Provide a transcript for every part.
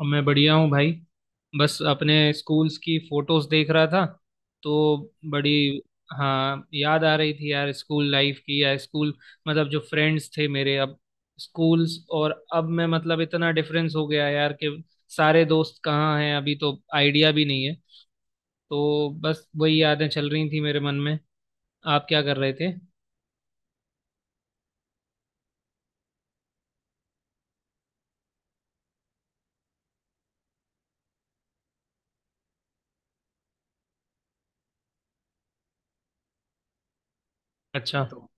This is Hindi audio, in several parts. और मैं बढ़िया हूँ भाई। बस अपने स्कूल्स की फोटोज देख रहा था। तो बड़ी हाँ, याद आ रही थी यार स्कूल लाइफ की। या स्कूल मतलब जो फ्रेंड्स थे मेरे, अब स्कूल्स और अब मैं, मतलब इतना डिफरेंस हो गया यार कि सारे दोस्त कहाँ हैं अभी तो आइडिया भी नहीं है। तो बस वही यादें चल रही थी मेरे मन में। आप क्या कर रहे थे? अच्छा। तो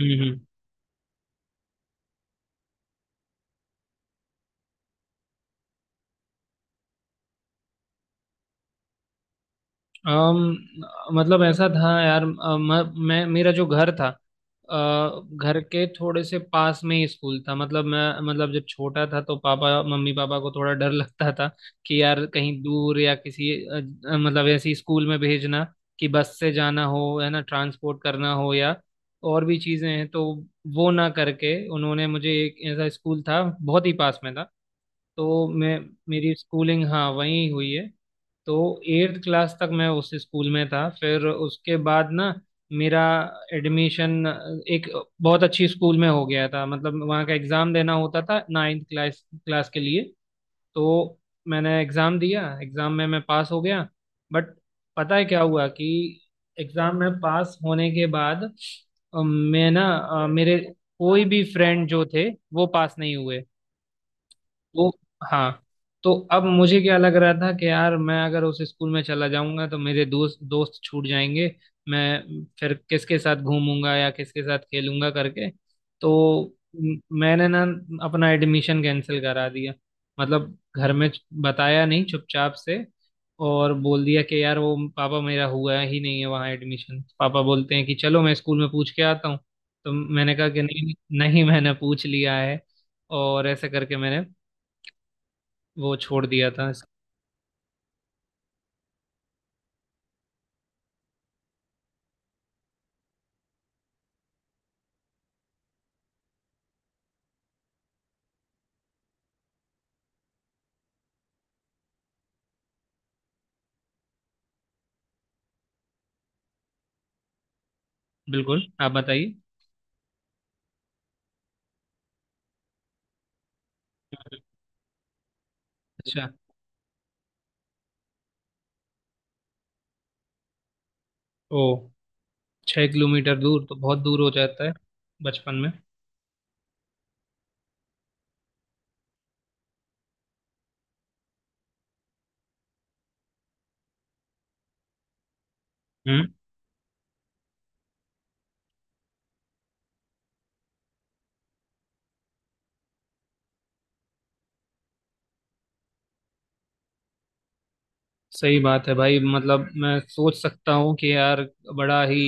हम्म। अम, मतलब ऐसा था यार, मैं, मेरा जो घर था, अ, घर के थोड़े से पास में ही स्कूल था। मतलब मैं, मतलब जब छोटा था तो पापा, मम्मी पापा को थोड़ा डर लगता था कि यार कहीं दूर या किसी मतलब ऐसी स्कूल में भेजना, कि बस से जाना हो, है ना, ट्रांसपोर्ट करना हो या और भी चीज़ें हैं। तो वो ना करके उन्होंने मुझे, एक ऐसा स्कूल था बहुत ही पास में था तो मैं, मेरी स्कूलिंग हाँ वहीं हुई है। तो एट्थ क्लास तक मैं उस स्कूल में था। फिर उसके बाद ना मेरा एडमिशन एक बहुत अच्छी स्कूल में हो गया था। मतलब वहाँ का एग्ज़ाम देना होता था नाइन्थ क्लास क्लास के लिए। तो मैंने एग्ज़ाम दिया, एग्ज़ाम में मैं पास हो गया। बट पता है क्या हुआ कि एग्ज़ाम में पास होने के बाद मैं ना मेरे कोई भी फ्रेंड जो थे वो पास नहीं हुए। तो हाँ। तो अब मुझे क्या लग रहा था कि यार मैं अगर उस स्कूल में चला जाऊंगा तो मेरे दोस्त दोस्त छूट जाएंगे। मैं फिर किसके साथ घूमूंगा या किसके साथ खेलूंगा करके। तो मैंने ना अपना एडमिशन कैंसिल करा दिया। मतलब घर में बताया नहीं, चुपचाप से। और बोल दिया कि यार वो पापा, मेरा हुआ ही नहीं है वहाँ एडमिशन। पापा बोलते हैं कि चलो मैं स्कूल में पूछ के आता हूँ। तो मैंने कहा कि नहीं नहीं मैंने पूछ लिया है। और ऐसे करके मैंने वो छोड़ दिया था। बिल्कुल, आप बताइए। अच्छा। ओ, 6 किलोमीटर दूर तो बहुत दूर हो जाता है बचपन में। हम्म। सही बात है भाई। मतलब मैं सोच सकता हूँ कि यार बड़ा ही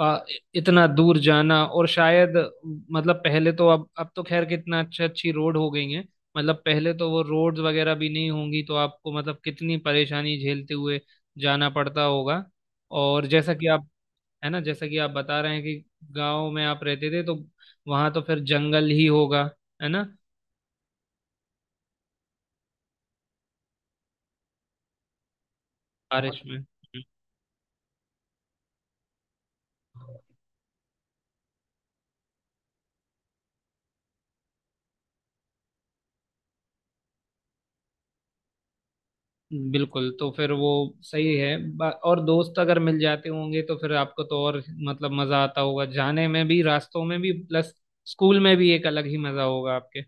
आ, इतना दूर जाना और शायद, मतलब पहले तो, अब तो खैर कितना अच्छी अच्छी रोड हो गई है। मतलब पहले तो वो रोड्स वगैरह भी नहीं होंगी तो आपको मतलब कितनी परेशानी झेलते हुए जाना पड़ता होगा। और जैसा कि आप, है ना, जैसा कि आप बता रहे हैं कि गांव में आप रहते थे, तो वहां तो फिर जंगल ही होगा, है ना। बारिश में। हम्म। बिल्कुल। तो फिर वो सही है। और दोस्त अगर मिल जाते होंगे तो फिर आपको तो और, मतलब, मजा आता होगा जाने में भी, रास्तों में भी, प्लस स्कूल में भी एक अलग ही मजा होगा आपके।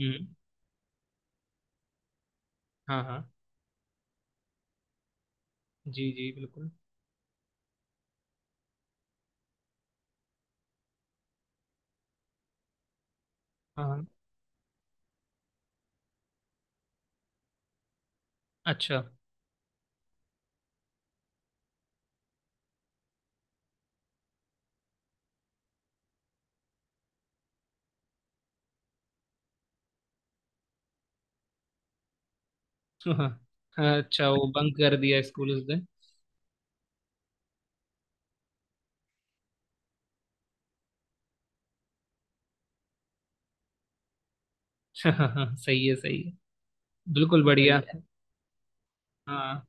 हम्म। हाँ हाँ। जी जी बिल्कुल। हाँ हाँ। अच्छा। हाँ हाँ, अच्छा वो बंक कर दिया स्कूल उस दिन। सही है सही है। बिल्कुल बढ़िया। हाँ।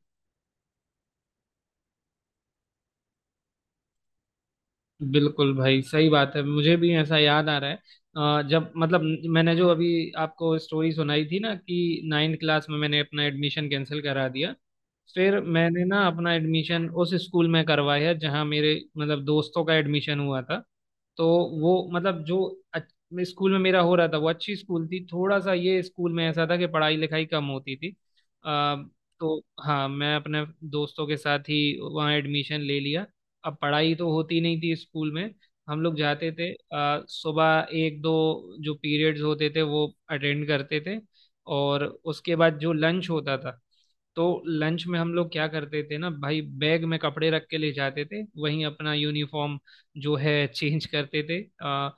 बिल्कुल भाई सही बात है। मुझे भी ऐसा याद आ रहा है। जब, मतलब, मैंने जो अभी आपको स्टोरी सुनाई थी ना कि नाइन्थ क्लास में मैंने अपना एडमिशन कैंसिल करा दिया। फिर मैंने ना अपना एडमिशन उस स्कूल में करवाया जहाँ मेरे, मतलब, दोस्तों का एडमिशन हुआ था। तो वो, मतलब, जो स्कूल में मेरा हो रहा था वो अच्छी स्कूल थी, थोड़ा सा ये स्कूल में ऐसा था कि पढ़ाई लिखाई कम होती थी। अ, तो हाँ मैं अपने दोस्तों के साथ ही वहाँ एडमिशन ले लिया। अब पढ़ाई तो होती नहीं थी स्कूल में। हम लोग जाते थे सुबह एक दो जो पीरियड्स होते थे वो अटेंड करते थे। और उसके बाद जो लंच होता था, तो लंच में हम लोग क्या करते थे ना भाई, बैग में कपड़े रख के ले जाते थे वहीं अपना यूनिफॉर्म जो है, चेंज करते थे,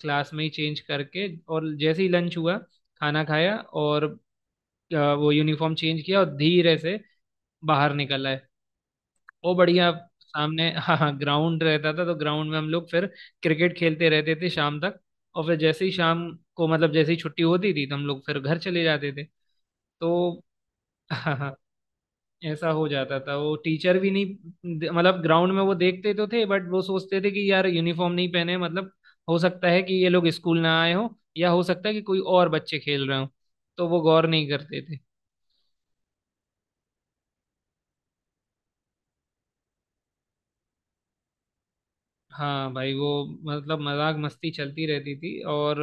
क्लास में ही चेंज करके। और जैसे ही लंच हुआ खाना खाया और वो यूनिफॉर्म चेंज किया और धीरे से बाहर निकल आए। वो बढ़िया। सामने हाँ हाँ ग्राउंड रहता था, तो ग्राउंड में हम लोग फिर क्रिकेट खेलते रहते थे शाम तक। और फिर जैसे ही शाम को, मतलब, जैसे ही छुट्टी होती थी तो हम लोग फिर घर चले जाते थे। तो हाँ हाँ ऐसा हो जाता था। वो टीचर भी नहीं, मतलब, ग्राउंड में वो देखते तो थे बट वो सोचते थे कि यार यूनिफॉर्म नहीं पहने, मतलब हो सकता है कि ये लोग स्कूल ना आए हो या हो सकता है कि कोई और बच्चे खेल रहे हो। तो वो गौर नहीं करते। हाँ भाई वो, मतलब, मजाक मस्ती चलती रहती थी। और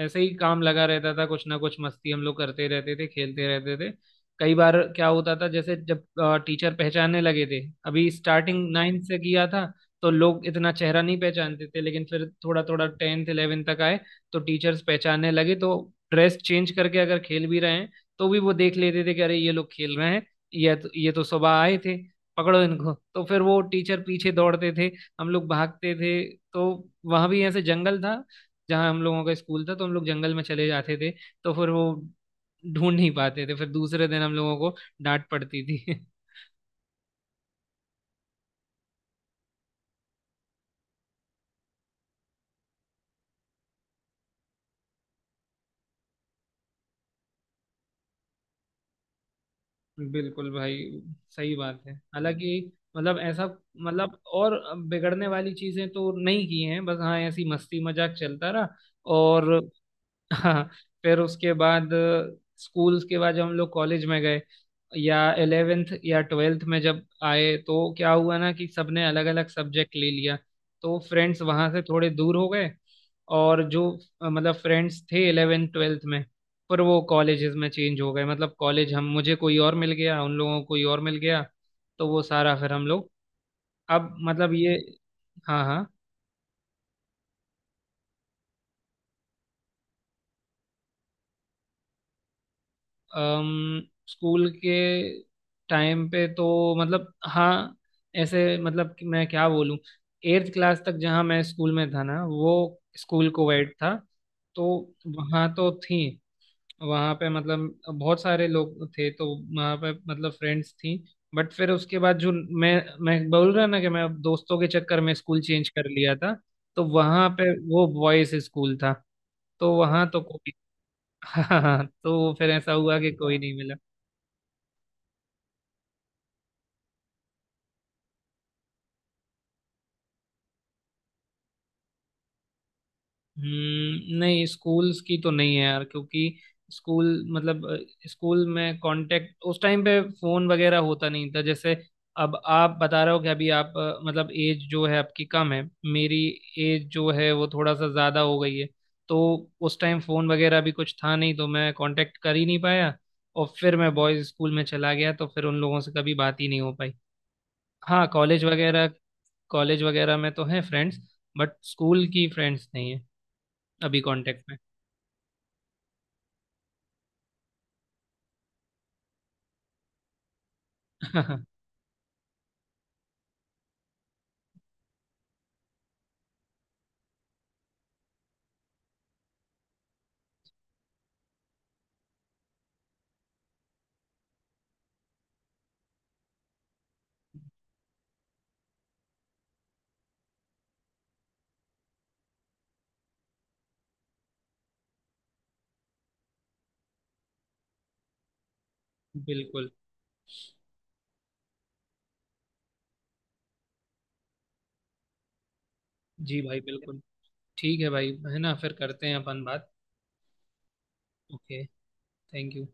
ऐसे ही काम लगा रहता था, कुछ ना कुछ मस्ती हम लोग करते रहते थे, खेलते रहते थे। कई बार क्या होता था जैसे जब टीचर पहचानने लगे थे, अभी स्टार्टिंग नाइन्थ से किया था तो लोग इतना चेहरा नहीं पहचानते थे, लेकिन फिर थोड़ा थोड़ा टेंथ इलेवेंथ तक आए तो टीचर्स पहचानने लगे। तो ड्रेस चेंज करके अगर खेल भी रहे हैं तो भी वो देख लेते थे कि अरे ये लोग खेल रहे हैं, ये तो सुबह आए थे, पकड़ो इनको। तो फिर वो टीचर पीछे दौड़ते थे, हम लोग भागते थे। तो वहां भी ऐसे जंगल था जहाँ हम लोगों का स्कूल था, तो हम लोग जंगल में चले जाते थे। तो फिर वो ढूंढ नहीं पाते थे। फिर दूसरे दिन हम लोगों को डांट पड़ती थी। बिल्कुल भाई सही बात है। हालांकि, मतलब, ऐसा, मतलब, और बिगड़ने वाली चीजें तो नहीं की हैं बस, हाँ ऐसी मस्ती मजाक चलता रहा। और हाँ, फिर उसके बाद स्कूल्स के बाद जब हम लोग कॉलेज में गए, या इलेवेंथ या ट्वेल्थ में जब आए, तो क्या हुआ ना कि सबने अलग अलग सब्जेक्ट ले लिया। तो फ्रेंड्स वहाँ से थोड़े दूर हो गए। और जो मतलब फ्रेंड्स थे इलेवेंथ ट्वेल्थ में, पर वो कॉलेजेस में चेंज हो गए। मतलब कॉलेज, हम, मुझे कोई और मिल गया, उन लोगों को कोई और मिल गया। तो वो सारा फिर हम लोग, अब, मतलब, ये। हाँ हाँ। अम, स्कूल के टाइम पे तो, मतलब, हाँ, ऐसे, मतलब, कि मैं क्या बोलूँ, एट्थ क्लास तक जहाँ मैं स्कूल में था ना, वो स्कूल कोएड था। तो वहाँ तो थी, वहाँ पे, मतलब, बहुत सारे लोग थे तो वहाँ पे, मतलब, फ्रेंड्स थी। बट फिर उसके बाद जो, मैं मैं बोल रहा ना कि मैं दोस्तों के चक्कर में स्कूल चेंज कर लिया था। तो वहाँ पे वो बॉयज स्कूल था, तो वहाँ तो कोई, हाँ हाँ, तो फिर ऐसा हुआ कि कोई नहीं मिला। नहीं स्कूल्स की तो नहीं है यार क्योंकि स्कूल, मतलब, स्कूल में कांटेक्ट उस टाइम पे फोन वगैरह होता नहीं था। जैसे अब आप बता रहे हो कि अभी आप, मतलब, एज जो है आपकी कम है, मेरी एज जो है वो थोड़ा सा ज़्यादा हो गई है। तो उस टाइम फोन वगैरह भी कुछ था नहीं तो मैं कांटेक्ट कर ही नहीं पाया। और फिर मैं बॉयज स्कूल में चला गया तो फिर उन लोगों से कभी बात ही नहीं हो पाई। हाँ, कॉलेज वगैरह में तो है फ्रेंड्स, बट स्कूल की फ्रेंड्स नहीं है अभी कांटेक्ट में। बिल्कुल। जी भाई बिल्कुल। ठीक है भाई, है ना, फिर करते हैं अपन बात। ओके। Thank you.